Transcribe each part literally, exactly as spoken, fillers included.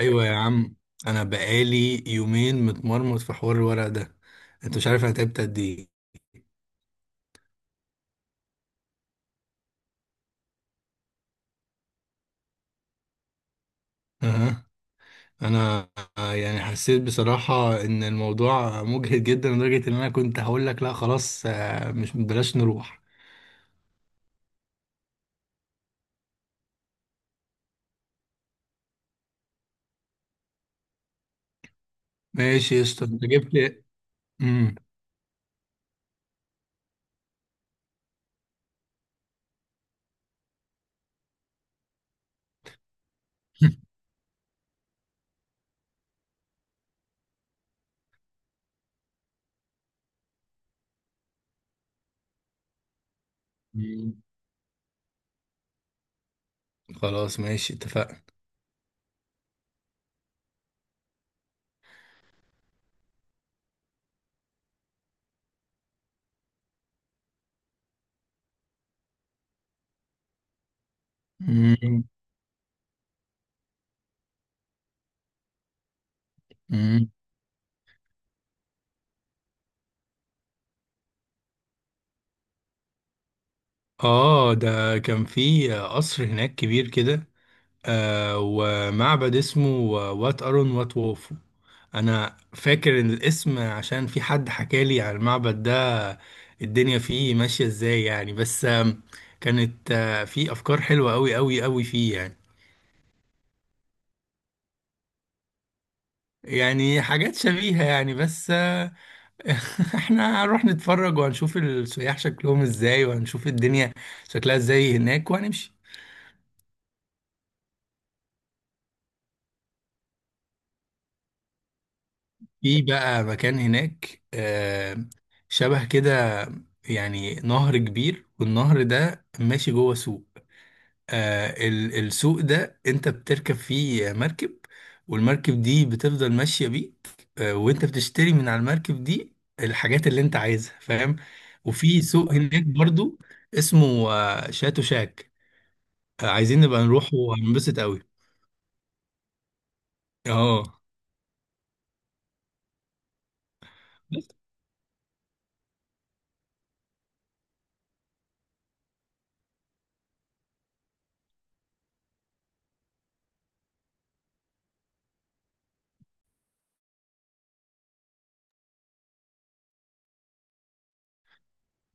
ايوه يا عم، انا بقالي يومين متمرمط في حوار الورق ده. انت مش عارف انا تعبت قد ايه. أها. انا آه، يعني حسيت بصراحه ان الموضوع مجهد جدا لدرجه ان انا كنت هقول لك لا خلاص، آه، مش بلاش نروح. ماشي يا اسطى انت جبت لي. مم. مم. خلاص ماشي اتفقنا. مم. مم. اه، ده كان في قصر هناك كبير كده. آه ومعبد اسمه وات أرون وات ووفو. أنا فاكر إن الاسم عشان في حد حكالي عن المعبد ده الدنيا فيه ماشية إزاي يعني، بس آم، كانت آه، في أفكار حلوة أوي أوي أوي فيه يعني يعني حاجات شبيهة يعني. بس آه، احنا هنروح نتفرج وهنشوف السياح شكلهم ازاي وهنشوف الدنيا شكلها ازاي هناك وهنمشي. في بقى مكان هناك آه، شبه كده، يعني نهر كبير والنهر ده ماشي جوه سوق. آه، ال- السوق ده انت بتركب فيه مركب والمركب دي بتفضل ماشية بيك. آه، وانت بتشتري من على المركب دي الحاجات اللي انت عايزها، فاهم. وفي سوق هناك برضو اسمه آه، شاتو شاك. آه، عايزين نبقى نروح وهنبسط قوي. اه. بس.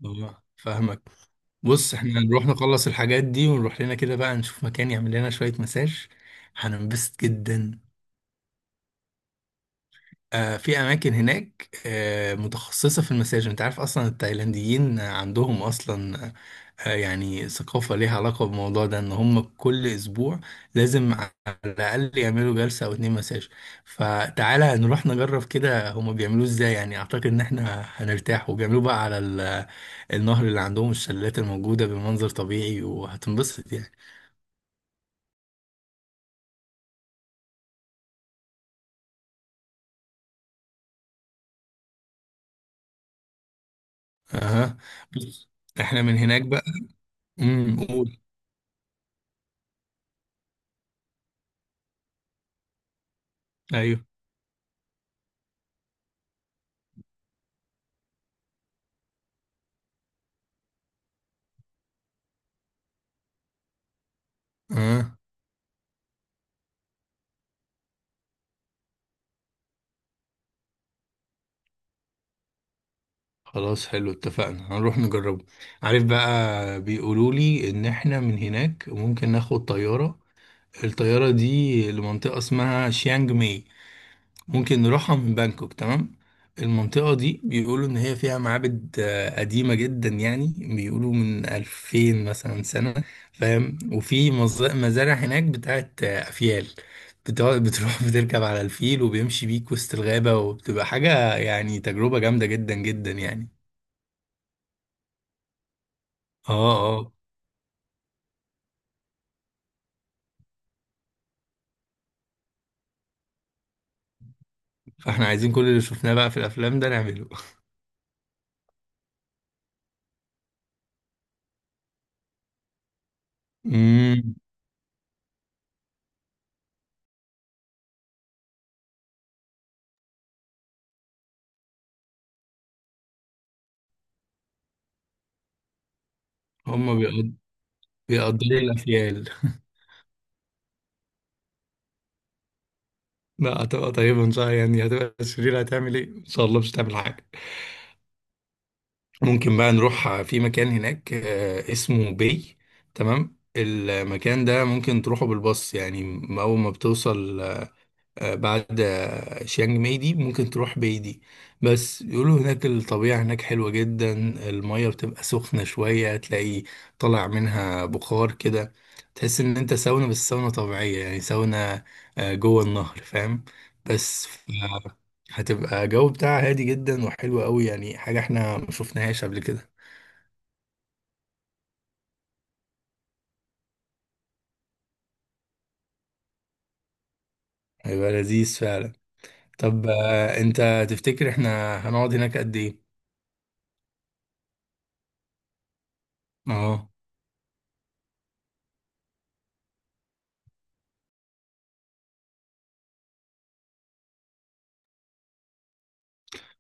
آه، فاهمك. بص، احنا نروح نخلص الحاجات دي ونروح لنا كده بقى نشوف مكان يعمل لنا شوية مساج، هننبسط جدا. آه، في اماكن هناك آه، متخصصه في المساج. انت عارف اصلا التايلانديين عندهم اصلا آه، يعني ثقافه ليها علاقه بالموضوع ده، ان هم كل اسبوع لازم على الاقل يعملوا جلسه او اتنين مساج. فتعالى نروح نجرب كده هم بيعملوه ازاي، يعني اعتقد ان احنا هنرتاح. وبيعملوه بقى على ال- النهر اللي عندهم الشلالات الموجوده بمنظر طبيعي وهتنبسط يعني. اها. بص، احنا من هناك بقى. امم، قول. ايوه. خلاص حلو، اتفقنا، هنروح نجربه. عارف بقى بيقولوا لي ان احنا من هناك ممكن ناخد طيارة، الطيارة دي لمنطقة اسمها شيانج ماي، ممكن نروحها من بانكوك. تمام. المنطقة دي بيقولوا ان هي فيها معابد آه، قديمة جدا، يعني بيقولوا من ألفين مثلا سنة. فاهم. وفي مز- مزارع هناك بتاعت آه، افيال. بتقعد- بتروح بتركب على الفيل وبيمشي بيك وسط الغابة، وبتبقى حاجة يعني تجربة جامدة جدا جدا يعني. اه، اه، فاحنا عايزين كل اللي شفناه بقى في الافلام ده نعمله. امم. هما بيقد... بيقدروا الافيال. لا، هتبقى طيبه ان شاء الله، يعني هتبقى شريره هتعمل ايه؟ ان شاء الله مش هتعمل حاجه. ممكن بقى نروح في مكان هناك آه، اسمه بي. تمام، المكان ده ممكن تروحه بالباص، يعني اول ما بتوصل آه، بعد آه، شيانج ماي دي ممكن تروح بايدي. بس يقولوا هناك الطبيعة هناك حلوة جدا، المية بتبقى سخنة شوية، تلاقي طالع منها بخار كده، تحس ان انت ساونا، بس ساونا طبيعية، يعني ساونا آه، جوه النهر، فاهم. بس ف- هتبقى جو بتاعها هادي جدا وحلو قوي يعني، حاجة احنا ما شفناهاش قبل كده. هيبقى لذيذ فعلا. طب، آه، انت تفتكر احنا هنقعد هناك قد ايه؟ اه،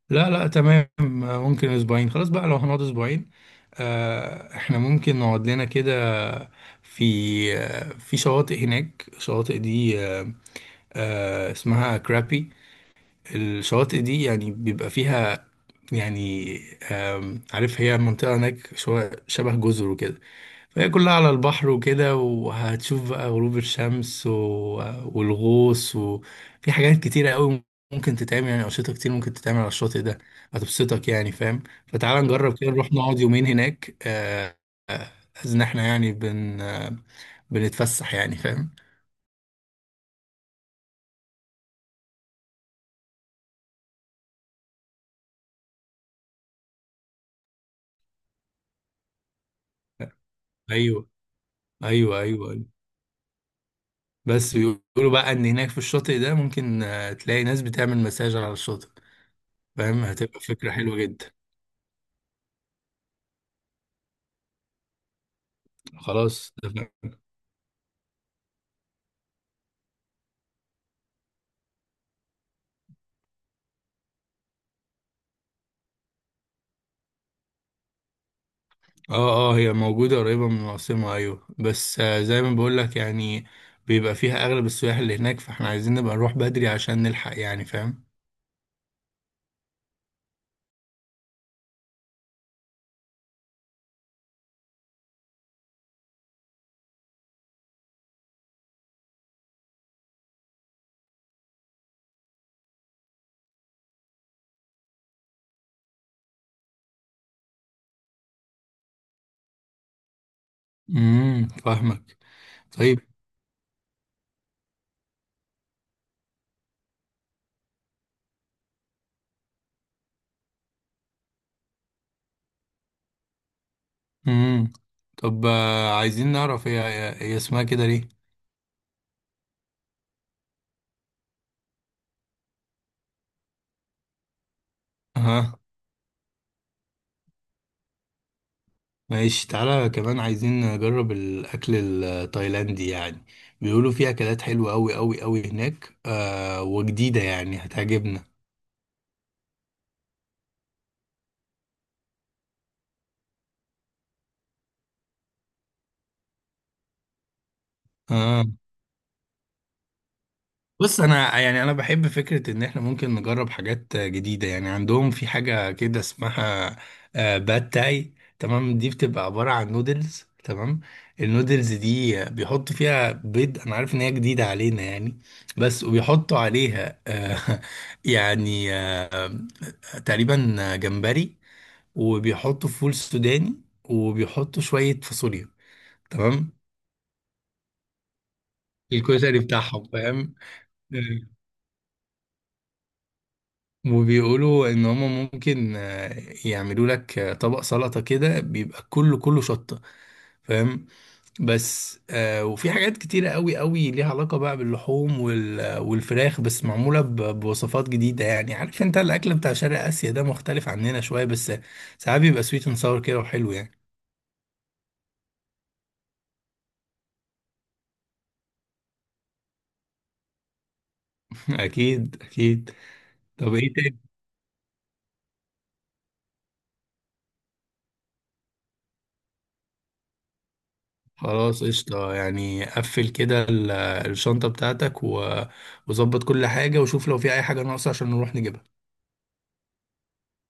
لا لا، تمام، ممكن اسبوعين. خلاص بقى، لو هنقعد اسبوعين آه، احنا ممكن نقعد لنا كده. في آه، في شواطئ هناك، الشواطئ دي آه، آه، اسمها كرابي. الشواطئ دي يعني بيبقى فيها يعني، آم، عارف هي منطقة هناك شوية شبه جزر وكده، فهي كلها على البحر وكده، وهتشوف بقى غروب الشمس، و... والغوص، وفي حاجات كتيرة قوي ممكن تتعمل، يعني أنشطة كتير ممكن تتعمل على الشاطئ ده، هتبسطك يعني، فاهم. فتعال نجرب كده نروح نقعد يومين هناك، آه، إن إحنا يعني بن آه، بنتفسح يعني، فاهم. أيوه أيوه أيوه أيوه. بس بيقولوا بقى إن هناك في الشاطئ ده ممكن آه، تلاقي ناس بتعمل مساج على الشاطئ، فاهم، هتبقى فكرة حلوة جدا. خلاص اتفقنا. اه، اه، هي موجودة قريبة من العاصمة ايوه، بس آه، زي ما بقولك، يعني بيبقى فيها اغلب السياح اللي هناك، فاحنا عايزين نبقى نروح بدري عشان نلحق يعني، فاهم. امم، فاهمك. طيب. امم. طب آه، عايزين نعرف هي هي هي اسمها كده ليه. اها ماشي، تعالى كمان عايزين نجرب الاكل التايلاندي يعني، بيقولوا فيه اكلات حلوة اوي اوي اوي هناك آه وجديدة يعني هتعجبنا. آه. بص، انا يعني انا بحب فكره ان احنا ممكن نجرب حاجات جديده يعني. عندهم في حاجه كده اسمها آه، باد تاي. تمام، دي بتبقى عباره عن نودلز. تمام، النودلز دي بيحطوا فيها بيض، انا عارف ان هي جديده علينا يعني، بس وبيحطوا عليها آه، يعني آه، تقريبا جمبري، وبيحطوا فول سوداني، وبيحطوا شويه فاصوليا. تمام، الكشري بتاعهم، فاهم. وبيقولوا ان هما ممكن آه، يعملوا لك آه، طبق سلطة كده بيبقى كله كله شطة، فاهم. بس آه، وفي حاجات كتيرة قوي قوي ليها علاقة بقى باللحوم وال- والفراخ، بس معمولة ب- بوصفات جديدة يعني. عارف انت الاكل بتاع شرق اسيا ده مختلف عننا شوية، بس ساعات بيبقى سويت اند ساور كده وحلو يعني. اكيد اكيد. طب ايه تاني، خلاص قشطة، يعني قفل كده ال- الشنطة بتاعتك و- وظبط كل حاجة وشوف لو في اي حاجة ناقصة عشان نروح نجيبها.